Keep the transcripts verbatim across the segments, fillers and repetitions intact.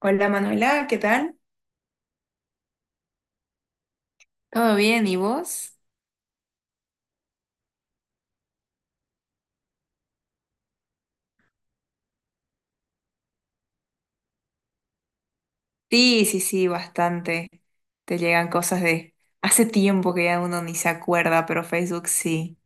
Hola Manuela, ¿qué tal? ¿Todo bien? ¿Y vos? Sí, sí, sí, bastante. Te llegan cosas de hace tiempo que ya uno ni se acuerda, pero Facebook sí.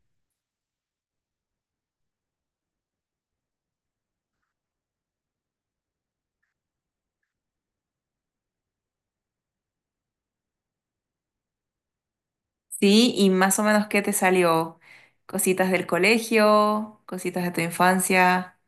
Sí, y más o menos ¿qué te salió? Cositas del colegio, cositas de tu infancia.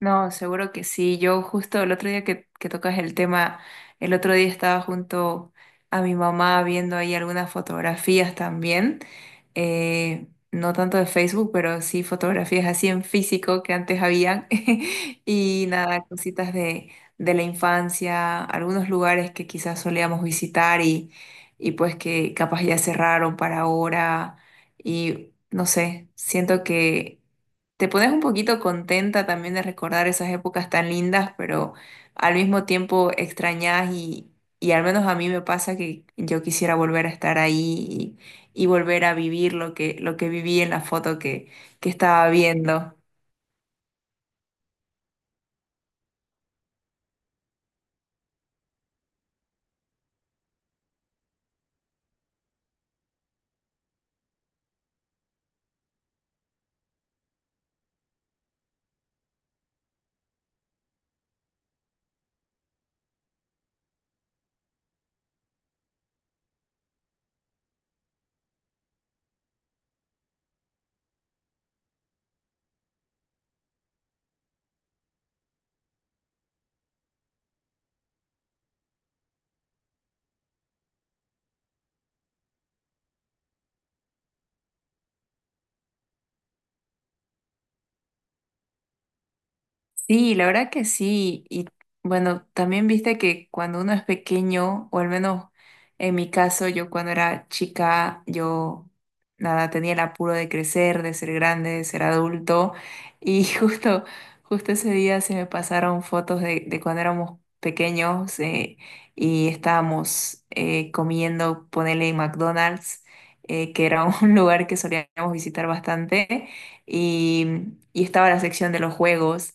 No, seguro que sí. Yo justo el otro día que, que tocas el tema, el otro día estaba junto a mi mamá viendo ahí algunas fotografías también, eh, no tanto de Facebook, pero sí fotografías así en físico que antes habían. Y nada, cositas de, de la infancia, algunos lugares que quizás solíamos visitar y, y pues que capaz ya cerraron para ahora. Y no sé, siento que... Te pones un poquito contenta también de recordar esas épocas tan lindas, pero al mismo tiempo extrañas y, y al menos a mí me pasa que yo quisiera volver a estar ahí y, y volver a vivir lo que, lo que viví en la foto que, que estaba viendo. Sí, la verdad que sí. Y bueno, también viste que cuando uno es pequeño, o al menos en mi caso, yo cuando era chica, yo nada, tenía el apuro de crecer, de ser grande, de ser adulto. Y justo, justo ese día se me pasaron fotos de, de cuando éramos pequeños eh, y estábamos eh, comiendo, ponele en McDonald's, eh, que era un lugar que solíamos visitar bastante, y y estaba la sección de los juegos.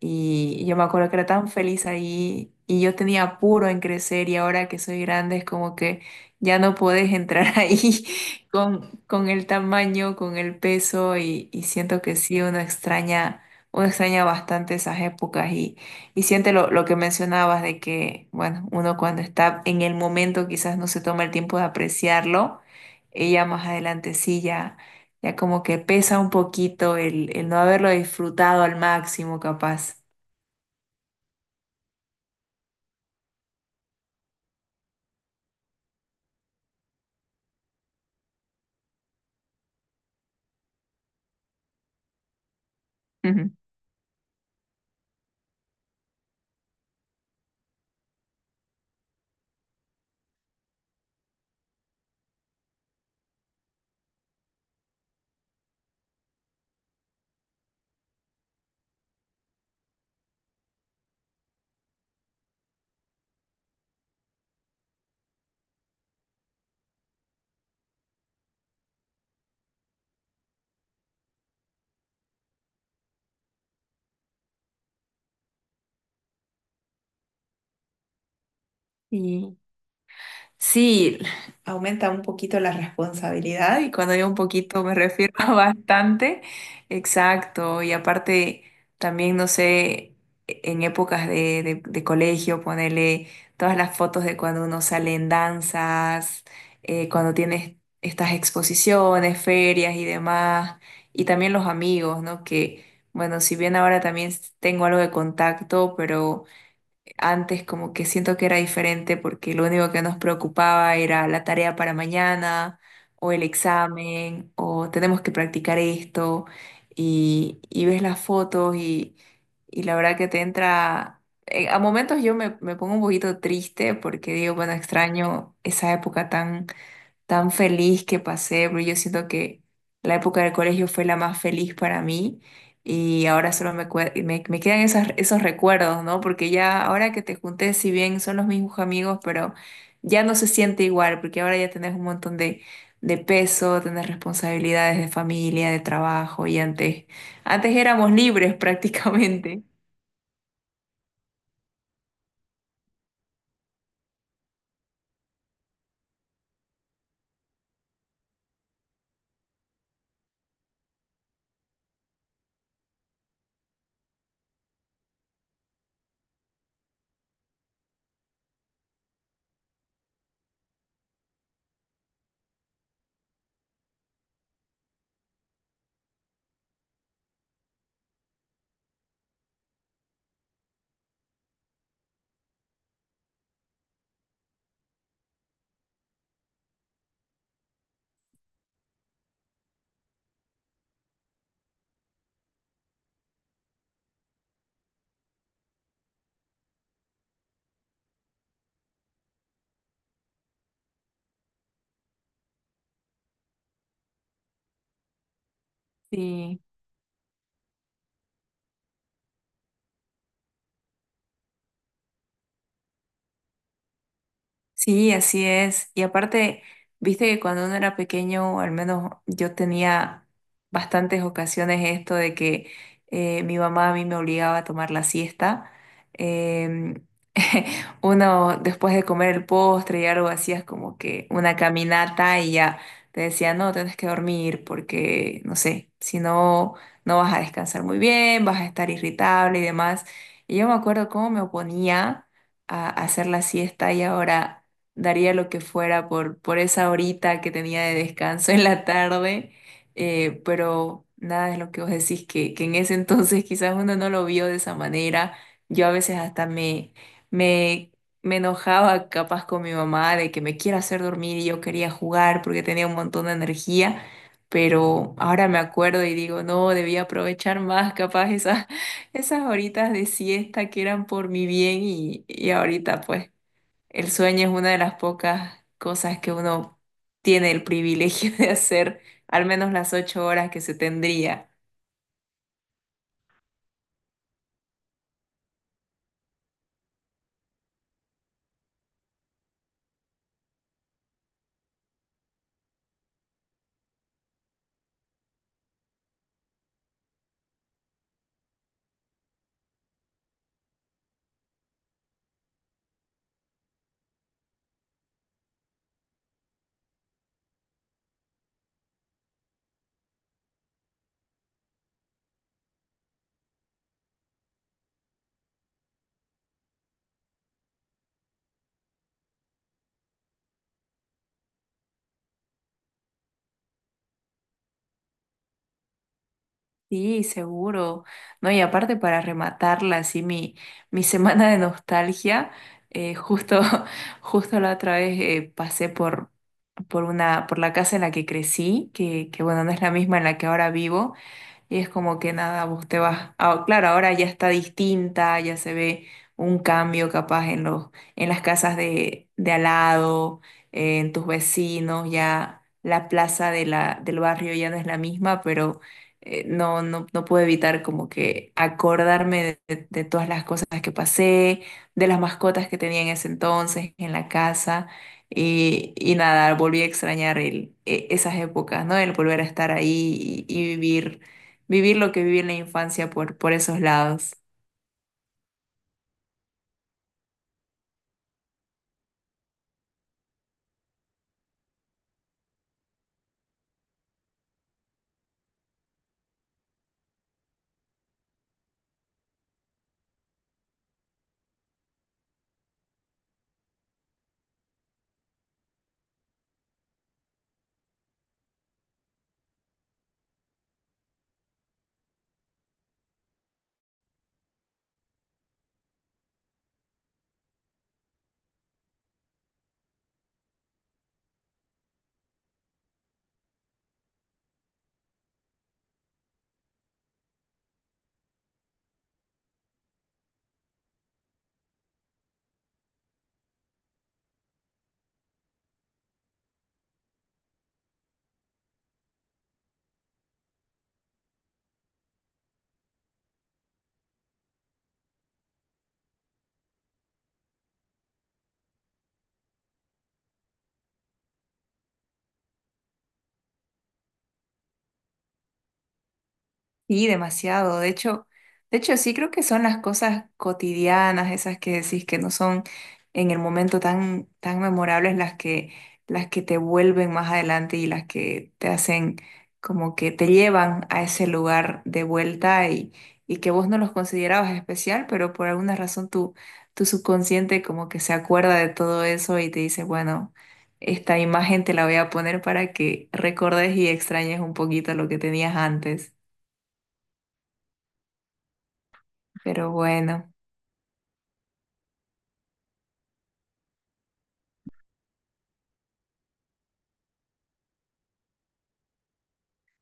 Y yo me acuerdo que era tan feliz ahí y yo tenía apuro en crecer y ahora que soy grande es como que ya no puedes entrar ahí con, con el tamaño, con el peso y, y siento que sí, uno extraña, uno extraña bastante esas épocas y, y siente lo, lo que mencionabas de que, bueno, uno cuando está en el momento quizás no se toma el tiempo de apreciarlo, ella más adelante sí ya, ya como que pesa un poquito el, el no haberlo disfrutado al máximo capaz. Ujú. Y sí, aumenta un poquito la responsabilidad y cuando digo un poquito me refiero a bastante. Exacto. Y aparte, también, no sé, e-, en épocas de, de- de colegio, ponerle todas las fotos de cuando uno sale en danzas, eh, cuando tienes estas exposiciones, ferias y demás. Y también los amigos, ¿no? Que, bueno, si bien ahora también tengo algo de contacto, pero... Antes como que siento que era diferente porque lo único que nos preocupaba era la tarea para mañana o el examen o tenemos que practicar esto y, y ves las fotos y, y la verdad que te entra... eh, A momentos yo me, me pongo un poquito triste porque digo, bueno, extraño esa época tan tan feliz que pasé, porque yo siento que la época del colegio fue la más feliz para mí y ahora solo me, cue- me, me quedan esas, esos recuerdos, ¿no? Porque ya ahora que te junté, si bien son los mismos amigos, pero ya no se siente igual, porque ahora ya tenés un montón de, de peso, tenés responsabilidades de familia, de trabajo y antes, antes éramos libres prácticamente. Sí. Sí, así es. Y aparte, viste que cuando uno era pequeño, al menos yo tenía bastantes ocasiones esto de que eh, mi mamá a mí me obligaba a tomar la siesta. Em, uno después de comer el postre y algo hacías como que una caminata y ya te decía, no, tienes que dormir porque, no sé, si no, no vas a descansar muy bien, vas a estar irritable y demás. Y yo me acuerdo cómo me oponía a hacer la siesta y ahora daría lo que fuera por, por esa horita que tenía de descanso en la tarde, eh, pero nada es lo que vos decís, que, que en ese entonces quizás uno no lo vio de esa manera. Yo a veces hasta me, me, me enojaba capaz con mi mamá de que me quiera hacer dormir y yo quería jugar porque tenía un montón de energía. Pero ahora me acuerdo y digo, no, debía aprovechar más capaz esas, esas horitas de siesta que eran por mi bien y, y ahorita pues. El sueño es una de las pocas cosas que uno tiene el privilegio de hacer, al menos las ocho horas que se tendría. Sí, seguro. No, y aparte para rematarla, así mi, mi semana de nostalgia, eh, justo, justo la otra vez eh, pasé por, por una, por la casa en la que crecí, que, que bueno, no es la misma en la que ahora vivo, y es como que nada, vos te vas, ah, claro, ahora ya está distinta, ya se ve un cambio capaz en los, en las casas de, de al lado, eh, en tus vecinos, ya la plaza de la, del barrio ya no es la misma, pero eh, no, no, no puedo evitar como que acordarme de, de todas las cosas que pasé, de las mascotas que tenía en ese entonces en la casa. Y, y nada, volví a extrañar el, e- esas épocas, ¿no? El volver a estar ahí y, y vivir vivir lo que viví en la infancia por, por esos lados. Sí, demasiado. De hecho, de hecho, sí creo que son las cosas cotidianas, esas que decís que no son en el momento tan, tan memorables las que, las que te vuelven más adelante y las que te hacen como que te llevan a ese lugar de vuelta y, y que vos no los considerabas especial, pero por alguna razón tu, tu subconsciente como que se acuerda de todo eso y te dice, bueno, esta imagen te la voy a poner para que recordes y extrañes un poquito lo que tenías antes. Pero bueno.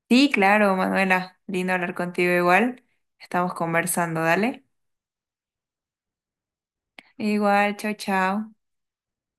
Sí, claro, Manuela. Lindo hablar contigo igual. Estamos conversando, dale. Igual, chao, chao.